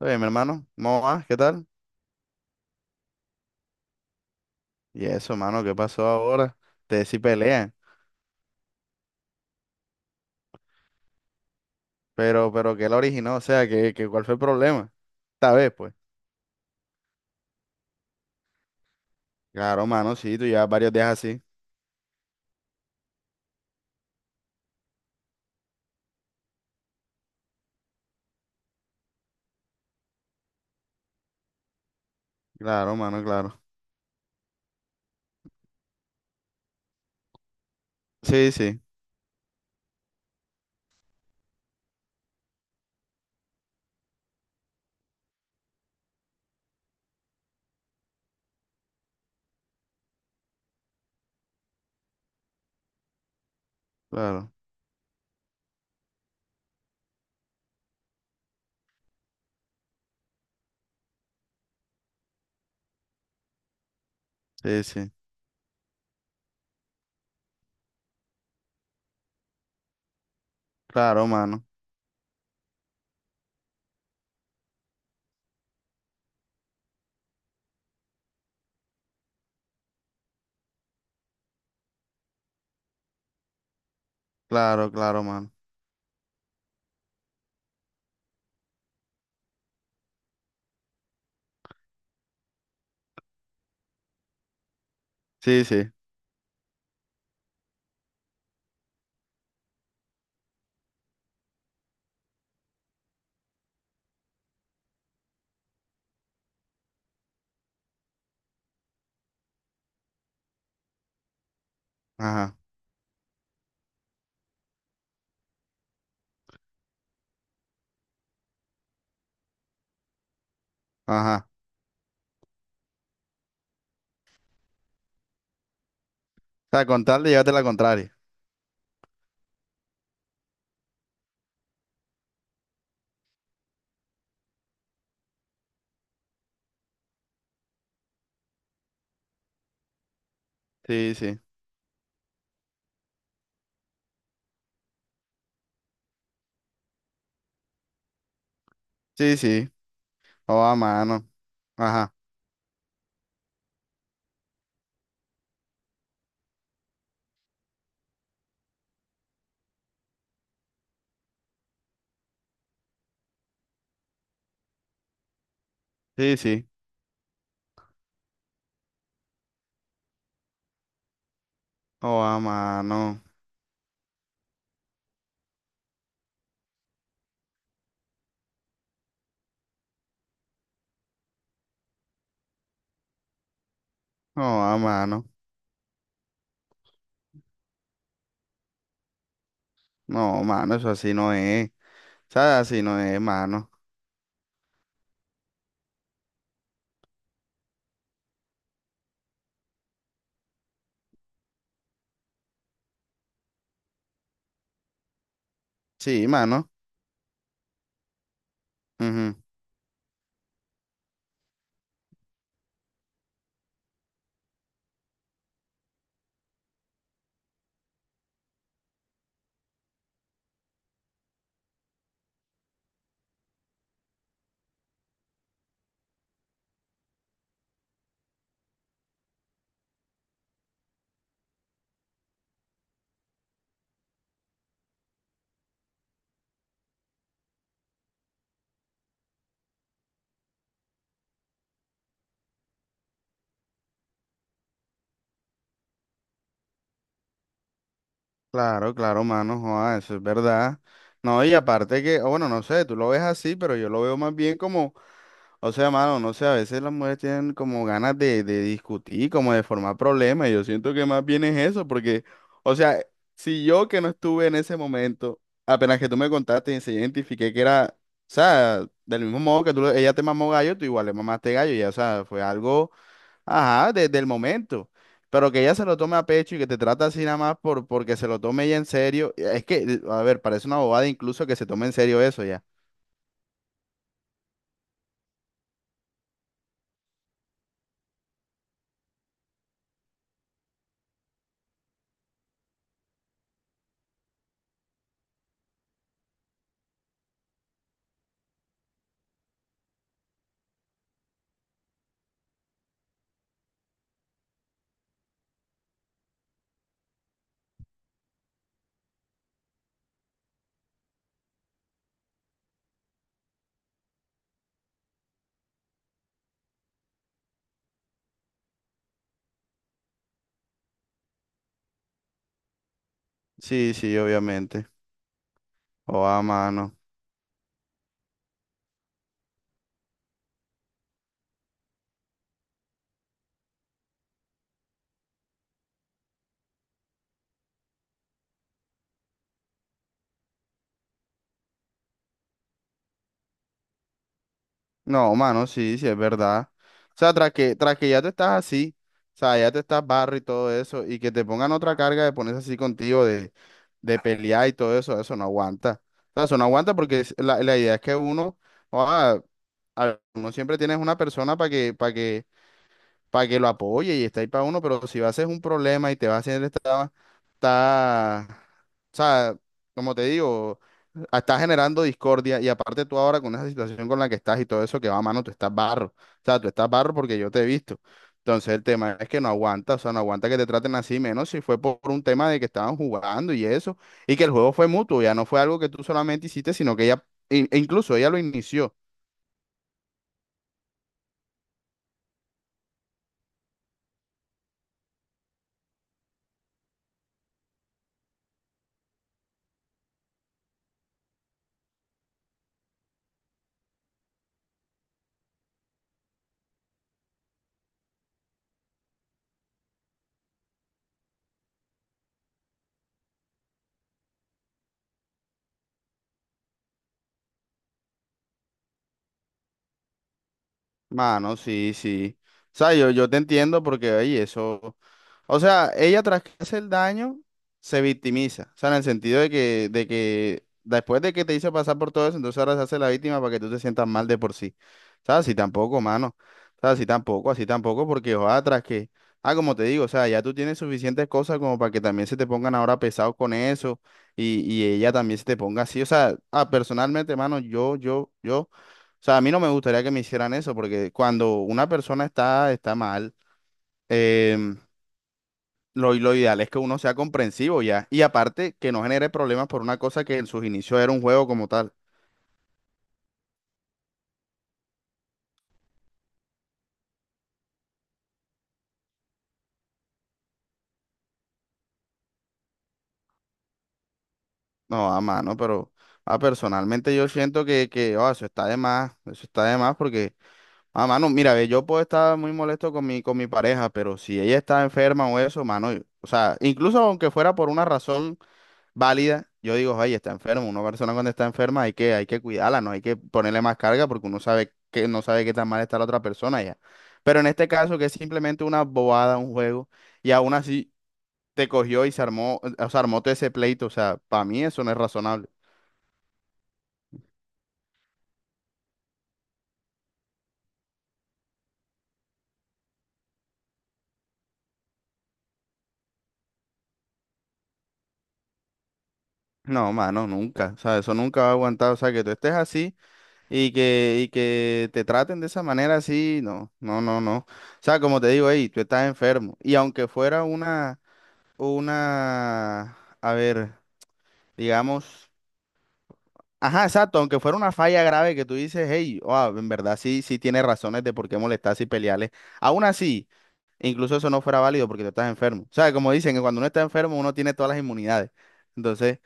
Oye, mi hermano, ¿cómo vas? ¿Qué tal? Y eso, hermano, ¿qué pasó ahora? Te decí pelea, pero ¿qué la originó? O sea, ¿qué, cuál fue el problema? Esta vez, pues. Claro, mano, sí, tú llevas varios días así. Claro, mano, claro. Sí, sí, claro, sí, sí. Claro, mano, claro, claro, mano. Sí, sí, ajá, ajá. O sea, con tal de llevarte la contraria. Sí, sí, sí, sí. Oh, a mano. Ajá, sí, sí. Oh, a mano. Oh, a mano. No, mano, eso así no es. Sea, así no es, mano. Sí, mano. Ujú. Claro, claro, mano. Joda, eso es verdad. No, y aparte que, o bueno, no sé, tú lo ves así, pero yo lo veo más bien como, o sea, mano, no sé, a veces las mujeres tienen como ganas de, discutir, como de formar problemas. Yo siento que más bien es eso, porque, o sea, si yo que no estuve en ese momento, apenas que tú me contaste y se identifiqué que era, o sea, del mismo modo que tú, le- ella te mamó gallo, tú igual le mamaste gallo, ya, o sea, fue algo. Ajá, desde el momento. Pero que ella se lo tome a pecho y que te trata así nada más por, porque se lo tome ella en serio. Es que, a ver, parece una bobada incluso que se tome en serio eso ya. Sí, sí, obviamente. O a mano. No, mano, sí, sí, es verdad. O sea, tras que ya te estás así, o sea, ya te estás barro y todo eso, y que te pongan otra carga de ponerse así contigo, de pelear y todo eso, eso no aguanta. O sea, eso no aguanta porque es- la idea es que uno, ah, a- uno siempre tienes una persona para que, para que lo apoye y está ahí para uno, pero si va a ser un problema y te va a hacer esta, está, o sea, como te digo, está generando discordia y aparte tú ahora con esa situación con la que estás y todo eso que va a mano, tú estás barro, o sea, tú estás barro porque yo te he visto. Entonces el tema es que no aguanta, o sea, no aguanta que te traten así, menos si fue por un tema de que estaban jugando y eso, y que el juego fue mutuo, ya no fue algo que tú solamente hiciste, sino que ella, e incluso ella lo inició. Mano, sí, sí. O sea, yo te entiendo porque, oye, eso. O sea, ella tras que hace el daño, se victimiza. O sea, en el sentido de que, después de que te hizo pasar por todo eso, entonces ahora se hace la víctima para que tú te sientas mal de por sí. ¿Sabes? Así tampoco, mano. ¿Sabes? Así tampoco, porque ojalá tras que. Ah, como te digo, o sea, ya tú tienes suficientes cosas como para que también se te pongan ahora pesados con eso y ella también se te ponga así. O sea, ah, personalmente, mano, yo. O sea, a mí no me gustaría que me hicieran eso, porque cuando una persona está, está mal. em, lo ideal es que uno sea comprensivo ya. Y aparte, que no genere problemas por una cosa que en sus inicios era un juego como tal. No, a mano, pero ah, personalmente yo siento que, ah, eso está de más. Eso está de más porque, a mano, mira, ve, yo puedo estar muy molesto con mi pareja, pero si ella está enferma o eso, mano, yo- o sea, incluso aunque fuera por una razón válida, yo digo, oye, está enfermo, una persona cuando está enferma hay que cuidarla, no hay que ponerle más carga porque uno sabe que no sabe qué tan mal está la otra persona ya. Pero en este caso que es simplemente una bobada, un juego, y aún así te cogió y se armó, o sea, armó todo ese pleito, o sea, para mí eso no es razonable. No, mano, nunca, o sea, eso nunca va a aguantar, o sea, que tú estés así y que te traten de esa manera así, no, no, no, no. O sea, como te digo, hey, tú estás enfermo, y aunque fuera una, a ver, digamos. Ajá, exacto, aunque fuera una falla grave que tú dices, hey, wow, en verdad sí, sí tiene razones de por qué molestarse y pelearle. Aún así, incluso eso no fuera válido porque tú estás enfermo. O sea, como dicen que cuando uno está enfermo uno tiene todas las inmunidades. Entonces,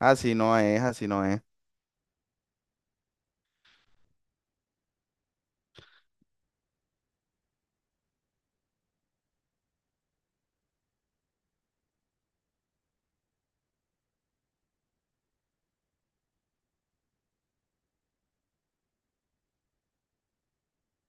así no es, así no es.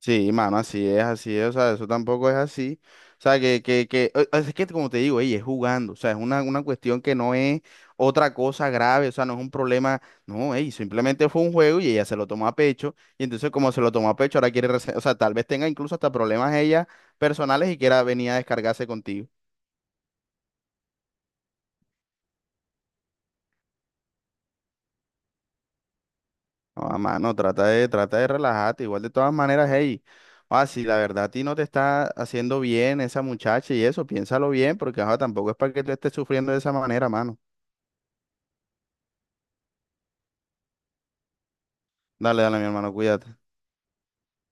Sí, mano, así es, o sea, eso tampoco es así. O sea, que, o es que como te digo, ey, es jugando, o sea, es una cuestión que no es otra cosa grave, o sea, no es un problema, no, ey, simplemente fue un juego y ella se lo tomó a pecho, y entonces como se lo tomó a pecho, ahora quiere, rese- o sea, tal vez tenga incluso hasta problemas ella personales y quiera venir a descargarse contigo. No, a mano, trata de relajarte. Igual de todas maneras, hey, ah, si la verdad a ti no te está haciendo bien esa muchacha y eso, piénsalo bien, porque ajá, tampoco es para que tú estés sufriendo de esa manera, mano. Dale, dale, mi hermano, cuídate.